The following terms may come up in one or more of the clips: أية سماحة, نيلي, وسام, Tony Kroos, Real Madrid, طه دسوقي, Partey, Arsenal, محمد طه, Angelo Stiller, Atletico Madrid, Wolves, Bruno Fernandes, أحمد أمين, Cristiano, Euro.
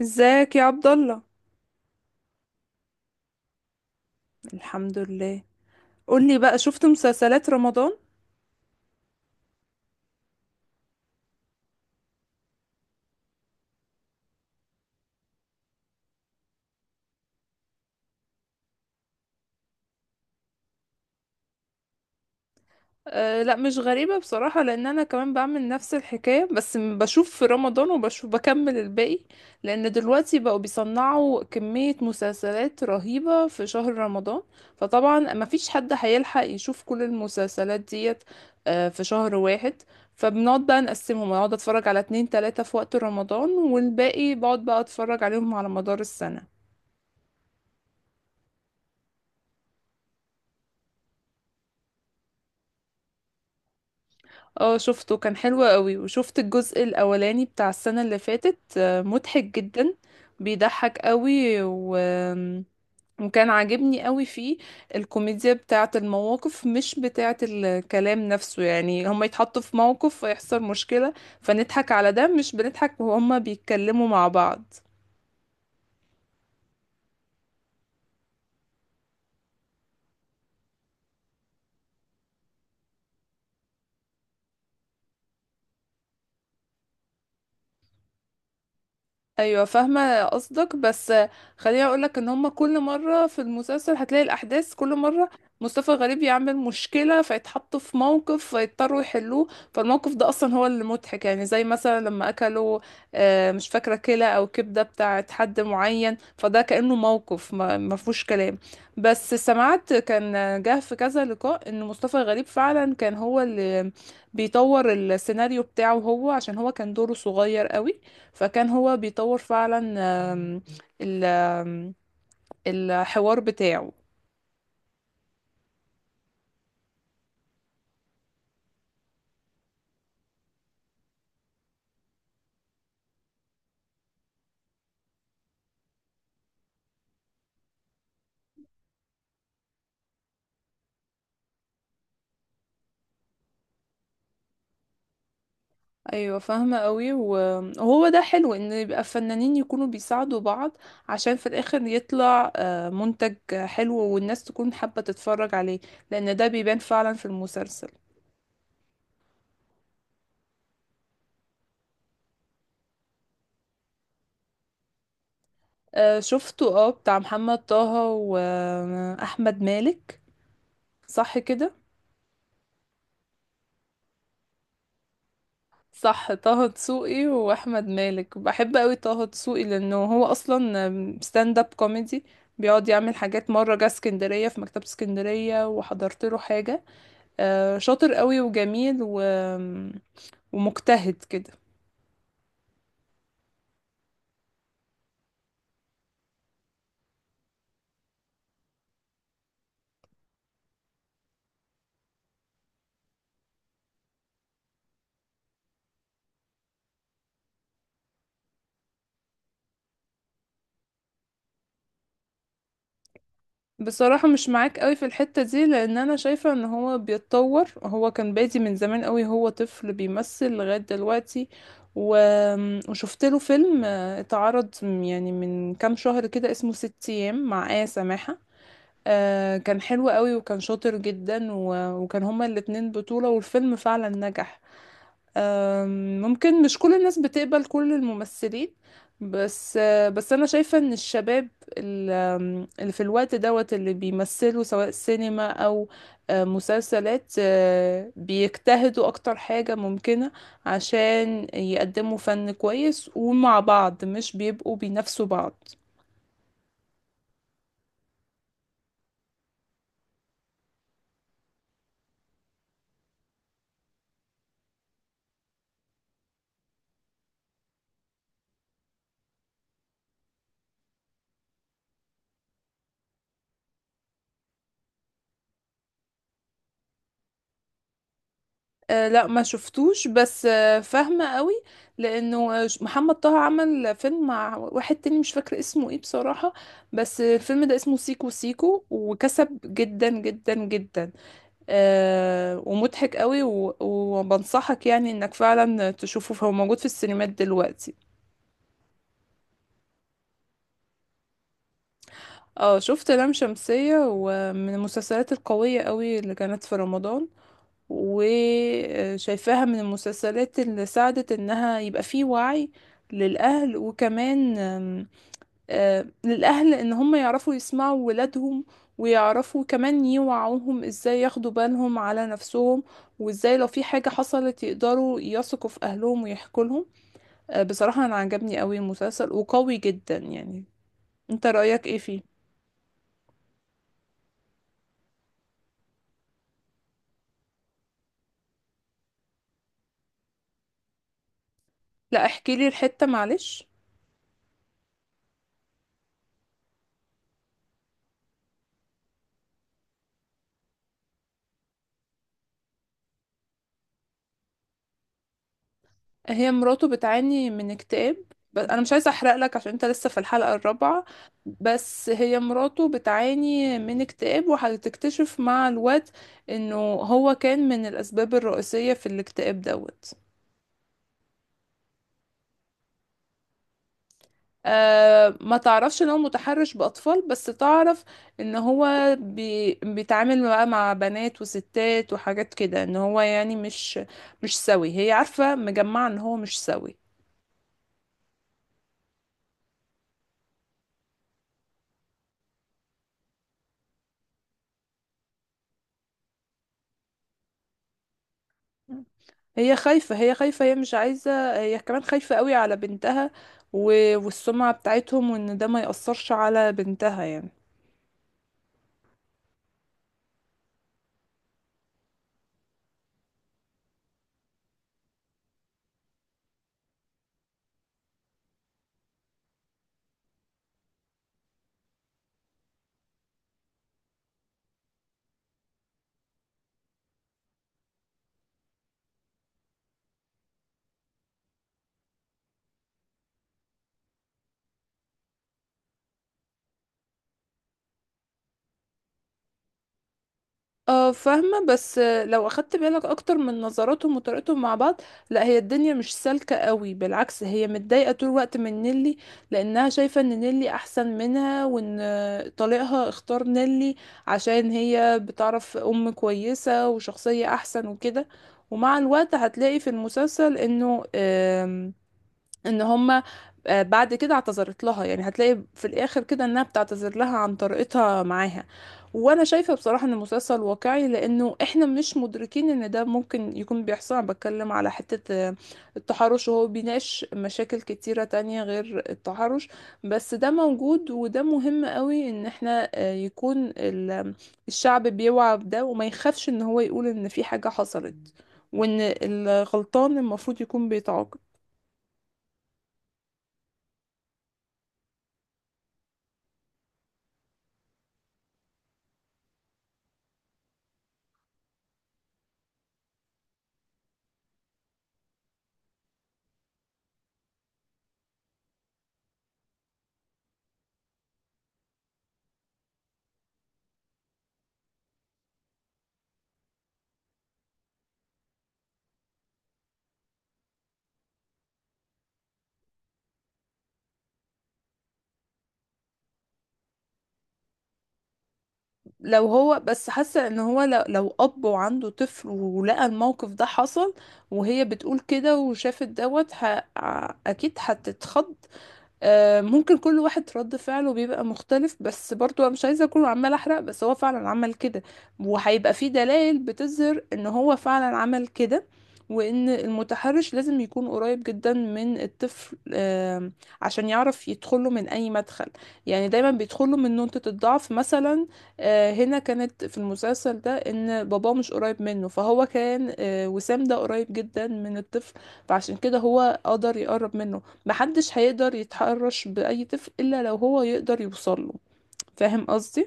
ازيك يا عبد الله؟ الحمد لله. قولي بقى، شفت مسلسلات رمضان؟ أه لا، مش غريبة بصراحة، لأن أنا كمان بعمل نفس الحكاية، بس بشوف في رمضان وبشوف بكمل الباقي. لأن دلوقتي بقوا بيصنعوا كمية مسلسلات رهيبة في شهر رمضان، فطبعا مفيش حد هيلحق يشوف كل المسلسلات ديت. أه، في شهر واحد. فبنقعد بقى نقسمهم، اقعد اتفرج على اتنين تلاتة في وقت رمضان، والباقي بقعد بقى اتفرج عليهم على مدار السنة. اه شفته، كان حلو قوي. وشفت الجزء الاولاني بتاع السنة اللي فاتت، مضحك جدا، بيضحك قوي وكان عاجبني قوي فيه. الكوميديا بتاعة المواقف، مش بتاعة الكلام نفسه. يعني هما يتحطوا في موقف فيحصل مشكلة، فنضحك على ده، مش بنضحك وهما بيتكلموا مع بعض. ايوه فاهمه قصدك، بس خليني اقولك ان هما كل مره في المسلسل هتلاقي الاحداث كل مره مصطفى غريب يعمل مشكله، فيتحطوا في موقف فيضطروا يحلوه. فالموقف ده اصلا هو اللي مضحك. يعني زي مثلا لما اكلوا، مش فاكره، كلى او كبده بتاعت حد معين، فده كانه موقف ما ما فيهوش كلام. بس سمعت كان جه في كذا لقاء ان مصطفى غريب فعلا كان هو اللي بيطور السيناريو بتاعه هو، عشان هو كان دوره صغير قوي، فكان هو بيطور فعلا آم، ال- آم، الحوار بتاعه. ايوه فاهمه قوي، وهو ده حلو، ان يبقى فنانين يكونوا بيساعدوا بعض، عشان في الاخر يطلع منتج حلو، والناس تكون حابه تتفرج عليه، لان ده بيبان فعلا في المسلسل. شفته، اه، بتاع محمد طه واحمد مالك، صح كده؟ صح، طه دسوقي واحمد مالك. بحب قوي طه دسوقي لانه هو اصلا ستاند اب كوميدي، بيقعد يعمل حاجات. مره جه اسكندريه، في مكتبه اسكندريه، وحضرت له حاجه. شاطر قوي وجميل ومجتهد كده. بصراحه مش معاك قوي في الحته دي، لان انا شايفه ان هو بيتطور. هو كان بادي من زمان قوي، هو طفل بيمثل لغايه دلوقتي. و... وشفت له فيلم اتعرض يعني من كام شهر كده، اسمه ست ايام، مع آية سماحة. كان حلو قوي، وكان شاطر جدا، وكان هما الاتنين بطولة، والفيلم فعلا نجح. ممكن مش كل الناس بتقبل كل الممثلين، بس انا شايفة ان الشباب ال- آم، اللي في الوقت دوت اللي بيمثلوا، سواء سينما او مسلسلات، بيجتهدوا اكتر حاجة ممكنة عشان يقدموا فن كويس، ومع بعض مش بيبقوا بينافسوا بعض. آه لا ما شفتوش، بس آه فاهمة قوي. لأنه محمد طه عمل فيلم مع واحد تاني مش فاكرة اسمه ايه بصراحة، بس الفيلم ده اسمه سيكو سيكو، وكسب جدا جدا جدا. آه، ومضحك قوي، وبنصحك يعني انك فعلا تشوفه، فهو موجود في السينمات دلوقتي. اه شفت لام شمسية، ومن المسلسلات القوية قوي اللي كانت في رمضان، وشايفاها من المسلسلات اللي ساعدت انها يبقى فيه وعي للأهل. وكمان آم، آه، للأهل ان هم يعرفوا يسمعوا ولادهم، ويعرفوا كمان يوعوهم ازاي ياخدوا بالهم على نفسهم، وازاي لو في حاجة حصلت يقدروا يثقوا في اهلهم ويحكوا لهم. بصراحة انا عجبني قوي المسلسل، وقوي جدا يعني. انت رأيك ايه فيه؟ لا احكي لي الحتة، معلش. هي مراته بتعاني من اكتئاب. بس انا مش عايزه احرق لك عشان انت لسه في الحلقه الرابعه. بس هي مراته بتعاني من اكتئاب، وهتكتشف مع الوقت انه هو كان من الاسباب الرئيسيه في الاكتئاب دوت. أه ما تعرفش ان هو متحرش باطفال، بس تعرف ان هو بيتعامل بقى مع بنات وستات وحاجات كده، ان هو يعني مش سوي. هي عارفه، مجمعه ان هو مش سوي. هي خايفة، هي مش عايزة، هي كمان خايفة قوي على بنتها والسمعة بتاعتهم، وان ده ما يأثرش على بنتها يعني. اه فاهمة، بس لو اخدت بالك اكتر من نظراتهم وطريقتهم مع بعض، لا هي الدنيا مش سالكة قوي. بالعكس، هي متضايقة طول الوقت من نيلي، لانها شايفة ان نيلي احسن منها، وان طليقها اختار نيلي عشان هي بتعرف ام كويسة وشخصية احسن وكده. ومع الوقت هتلاقي في المسلسل انه ان هما بعد كده اعتذرت لها. يعني هتلاقي في الاخر كده انها بتعتذر لها عن طريقتها معاها. وانا شايفه بصراحه ان المسلسل واقعي، لانه احنا مش مدركين ان ده ممكن يكون بيحصل. انا بتكلم على حته التحرش، وهو بيناقش مشاكل كتيره تانية غير التحرش، بس ده موجود، وده مهم قوي ان احنا يكون الشعب بيوعى بده، وما يخافش ان هو يقول ان في حاجه حصلت، وان الغلطان المفروض يكون بيتعاقب. لو هو بس حاسه ان هو لو اب وعنده طفل، ولقى الموقف ده حصل وهي بتقول كده وشافت دوت اكيد هتتخض. ممكن كل واحد رد فعله بيبقى مختلف. بس برضو انا مش عايزه اكون عمال احرق، بس هو فعلا عمل كده، وهيبقى في دلائل بتظهر ان هو فعلا عمل كده. وان المتحرش لازم يكون قريب جدا من الطفل، عشان يعرف يدخله من اي مدخل. يعني دايما بيدخله من نقطة الضعف مثلا. هنا كانت في المسلسل ده ان باباه مش قريب منه، فهو كان وسام ده قريب جدا من الطفل، فعشان كده هو قدر يقرب منه. محدش هيقدر يتحرش بأي طفل إلا لو هو يقدر يوصله. فاهم قصدي؟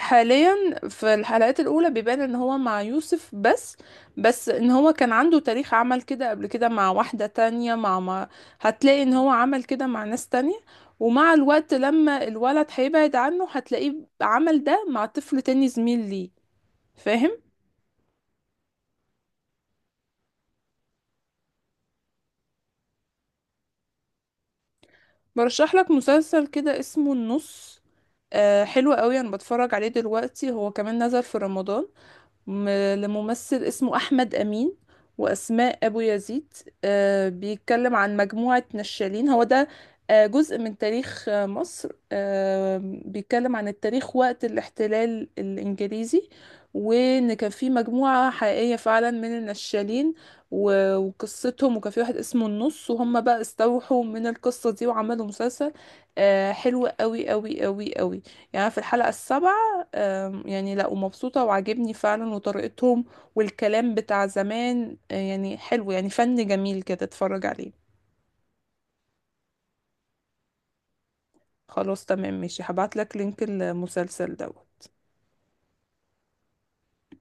حاليا في الحلقات الأولى بيبان إن هو مع يوسف بس، بس إن هو كان عنده تاريخ عمل كده قبل كده مع واحدة تانية، مع ما هتلاقي إن هو عمل كده مع ناس تانية. ومع الوقت لما الولد هيبعد عنه هتلاقيه عمل ده مع طفل تاني زميل ليه. فاهم؟ برشح لك مسلسل كده اسمه النص. آه حلو قوي، انا بتفرج عليه دلوقتي، هو كمان نزل في رمضان، م- لممثل اسمه أحمد أمين وأسماء أبو يزيد. بيتكلم عن مجموعة نشالين، هو ده جزء من تاريخ مصر. بيتكلم عن التاريخ وقت الاحتلال الإنجليزي، وإن كان في مجموعة حقيقية فعلا من النشالين وقصتهم، وكان في واحد اسمه النص، وهم بقى استوحوا من القصة دي وعملوا مسلسل. حلو قوي قوي قوي قوي، يعني في الحلقة السابعة. يعني لا، ومبسوطة وعاجبني فعلا وطريقتهم، والكلام بتاع زمان يعني حلو، يعني فن جميل كده، اتفرج عليه. خلاص تمام، ماشي، هبعتلك لينك المسلسل ده.